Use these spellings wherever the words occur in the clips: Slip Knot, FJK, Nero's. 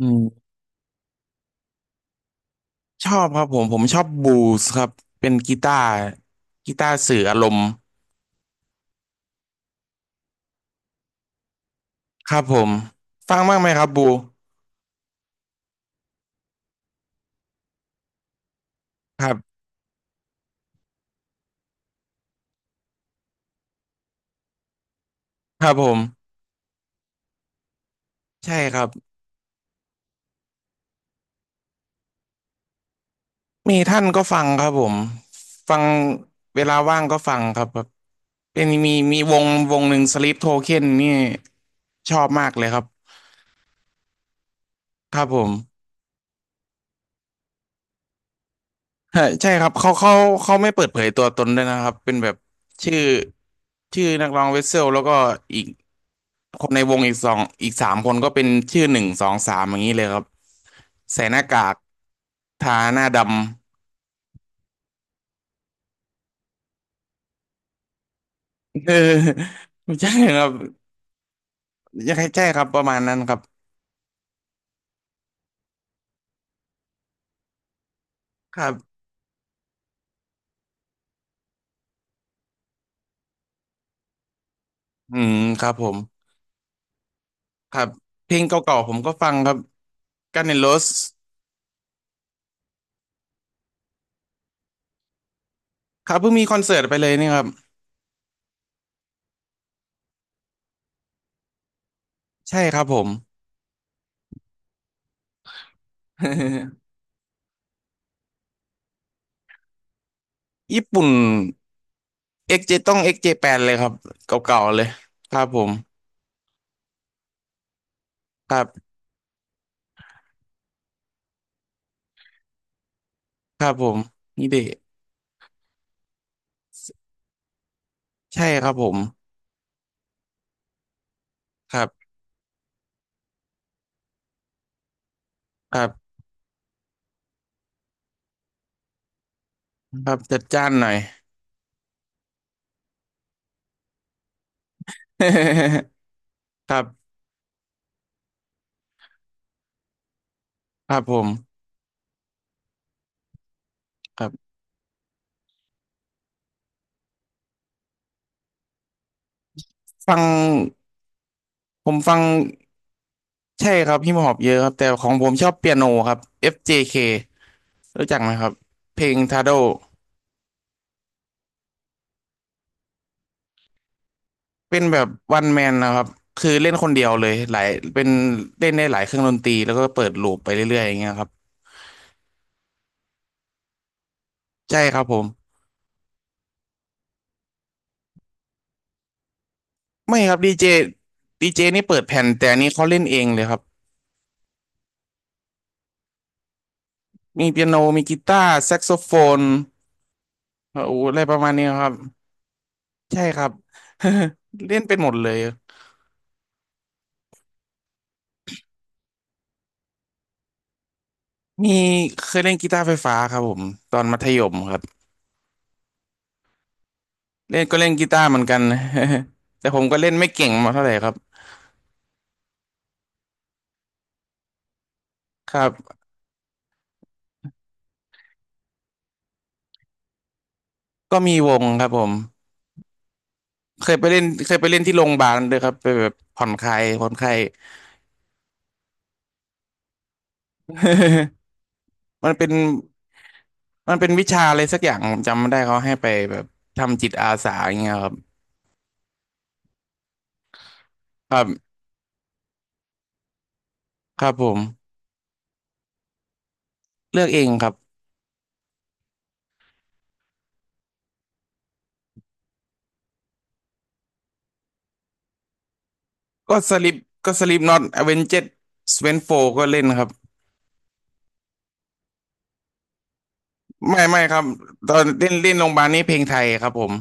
อืมชอบครับผมชอบบูสครับเป็นกีตาร์กีตาร์สื่ออารมณ์ครับผมฟังบ้างไหมครับบูครับครับผมใช่ครับมีท่านก็ฟังครับผมฟังเวลาว่างก็ฟังครับครับเป็นมีวงวงหนึ่งสลิปโทเค็นนี่ชอบมากเลยครับครับผมฮะใช่ครับเขาเขาไม่เปิดเผยตัวตนด้วยนะครับเป็นแบบชื่อชื่อนักร้องเวสเซลแล้วก็อีก คนในวงอีกสองอีกสามคนก็เป็นชื่อหนึ่งสองสามอย่างนี้เลยครับใส่หน้ากากทาหน้าดำ เออไม่ใช่ครับยังใช่ครับประมาณนั้นครับครับอืมครับผมครับเพลงเก่าๆผมก็ฟังครับกันเนโรสครับเพิ่งมีคอนเสิร์ตไปเลยนี่ครับใช่ครับผม ญี่ปุ่นเอ็กซ์เจต้องเอ็กซ์เจแปดเลยครับเก่าๆเลยครับผมครับครับผมนี่เดใช่ครับผมครับครับ ครับจัดจ้านหน่อย ครับครับผมครับฟังผมฟังใช่ครับฮิปฮอปเยอะครับแต่ของผมชอบเปียโนครับ FJK รู้จักไหมครับเพลง t i โดเป็นแบบวันแมนนะครับคือเล่นคนเดียวเลยหลายเป็นเล่นได้หลายเครื่องดนตรีแล้วก็เปิดลูปไปเรื่อยๆอย่างเงี้ยครับใช่ครับผมไม่ครับดีเจดีเจนี่เปิดแผ่นแต่อันนี้เขาเล่นเองเลยครับมีเปียโนมีกีตาร์แซกโซโฟนโอ้โหอะไรประมาณนี้ครับ ใช่ครับ เล่นเป็นหมดเลยมีเคยเล่นกีตาร์ไฟฟ้าครับผมตอนมัธยมครับเล่นก็เล่นกีตาร์เหมือนกัน แต่ผมก็เล่นไม่เก่งมาเท่าไหร่ครับครับก็มีวงครับผมเคยไปเล่นเคยไปเล่นที่โรงพยาบาลด้วยครับไปแบบผ่อนคลายผ่อนคลาย มันเป็นมันเป็นวิชาอะไรสักอย่างผมจำไม่ได้เขาให้ไปแบบทำจิตอาสาอย่างเงี้ยครับครับครับผมเลือกเองครับก็สลิปก็สลิปน็อตอเวนเจ็ดสเวนโฟก็เล่นครับ ไม่ครับตอนเล่นเล่นโรงพยาบาลนี่เพลงไทยครับผม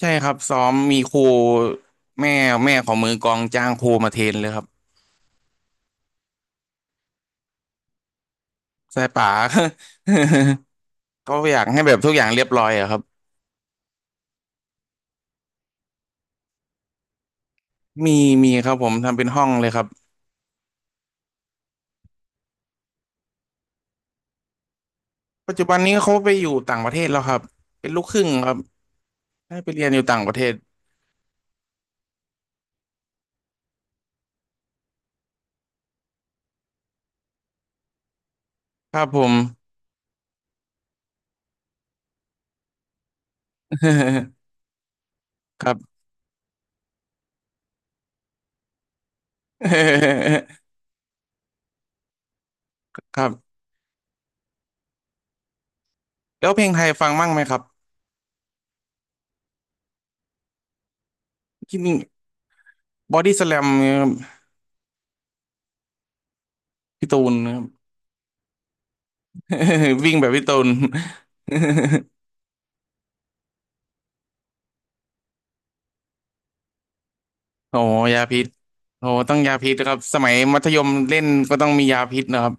ใช่ครับซ้อมมีครูแม่แม่ของมือกลองจ้างครูมาเทรนเลยครับสายป่า เขาอยากให้แบบทุกอย่างเรียบร้อยอะครับมีครับผมทำเป็นห้องเลยครับปัจจุบันนี้เขาไปอยู่ต่างประเทศแล้วครับเป็นลูกครึ่งครับให้ไปเรียนอยู่ต่างประเทศครับผม ครับ ครับแล้วเพลงไทยฟังมั่งไหมครับที่นี่บอดี้สแลมพี่ตูนครับ วิ่งแบบพี่ตูน โอ้ยาพิษโอ้ต้องยาพิษนะครับสมัยมัธยมเล่นก็ต้องมียาพิษนะครับ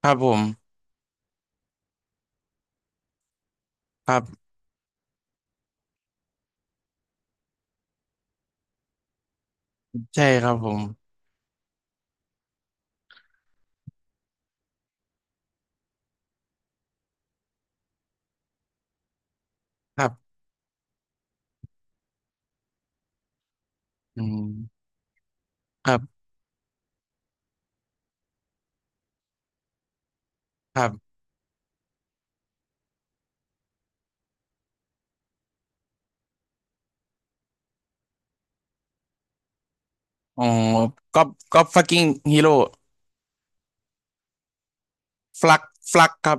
ครับผมครับใช่ครับผมครับอืมครับครับอ๋อก็ก็ฟักกิ้งฮีโร่ฟลักฟลักครับ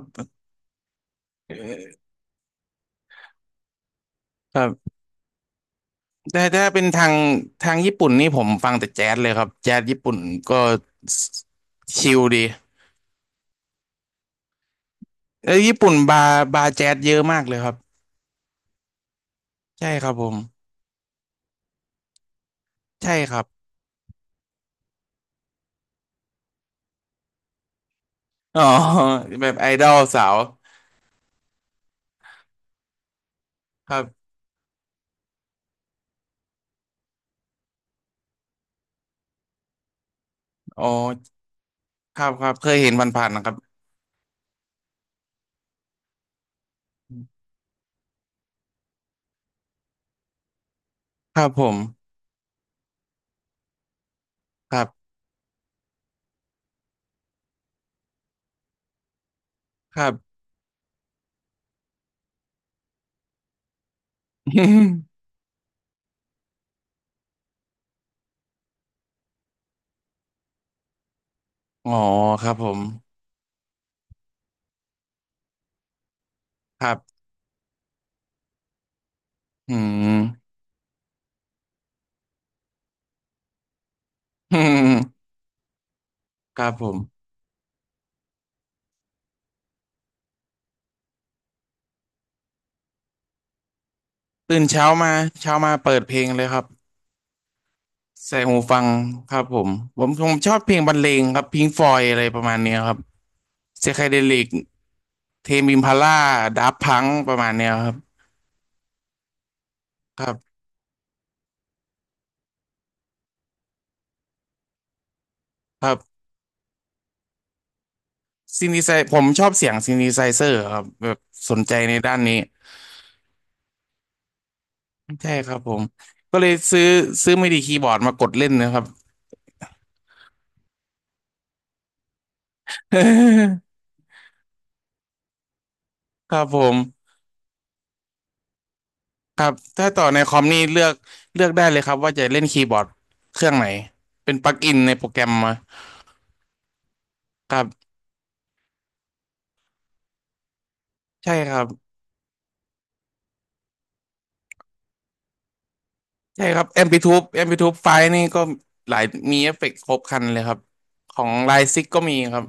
เออครับแต่ถ้าเป็นทางญี่ปุ่นนี่ผมฟังแต่แจ๊สเลยครับแจ๊สญี่ปุ่นก็ชิลดีเออญี่ปุ่นบาร์บาร์แจ๊สเยอะมากเลยครับใช่ครับผมใช่ครับ อ๋อแบบไอดอลสาวครับอ๋อครับครับเคยเห็นผ่านๆนะครับครับผมครับครับ อ๋อครับผมครับอืม อืมครับผมตื่นเช้ามาเช้ามาเปิดเพลงเลยครับใส่หูฟังครับผมผมชอบเพลงบรรเลงครับพิงฟอยอะไรประมาณเนี้ยครับเซไคเดลิกเทมอิมพาล่าดับพังประมาณเนี้ยครับครับครับซินธิไซผมชอบเสียงซินธิไซเซอร์ครับแบบสนใจในด้านนี้ ใช่ครับผมก็เลยซื้อไม่ดีคีย์บอร์ดมากดเล่นนะครับ ครับผมครับถ้าต่อในคอมนี่เลือกเลือกได้เลยครับว่าจะเล่นคีย์บอร์ดเครื่องไหนเป็นปลั๊กอินในโปรแกรมมาครับใช่ครับใช่ครับแอมพิทู u แอ m p ิทู e ไฟล์นี่ก็หลายมีเอฟเฟกต์ครบครันเลยครับของไลซิกก็มีครับ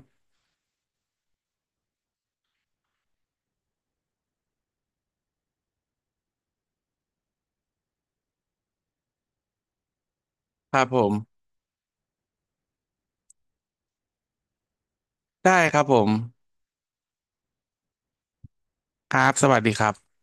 ครับผมได้ครับผมครับสวัสดีครับ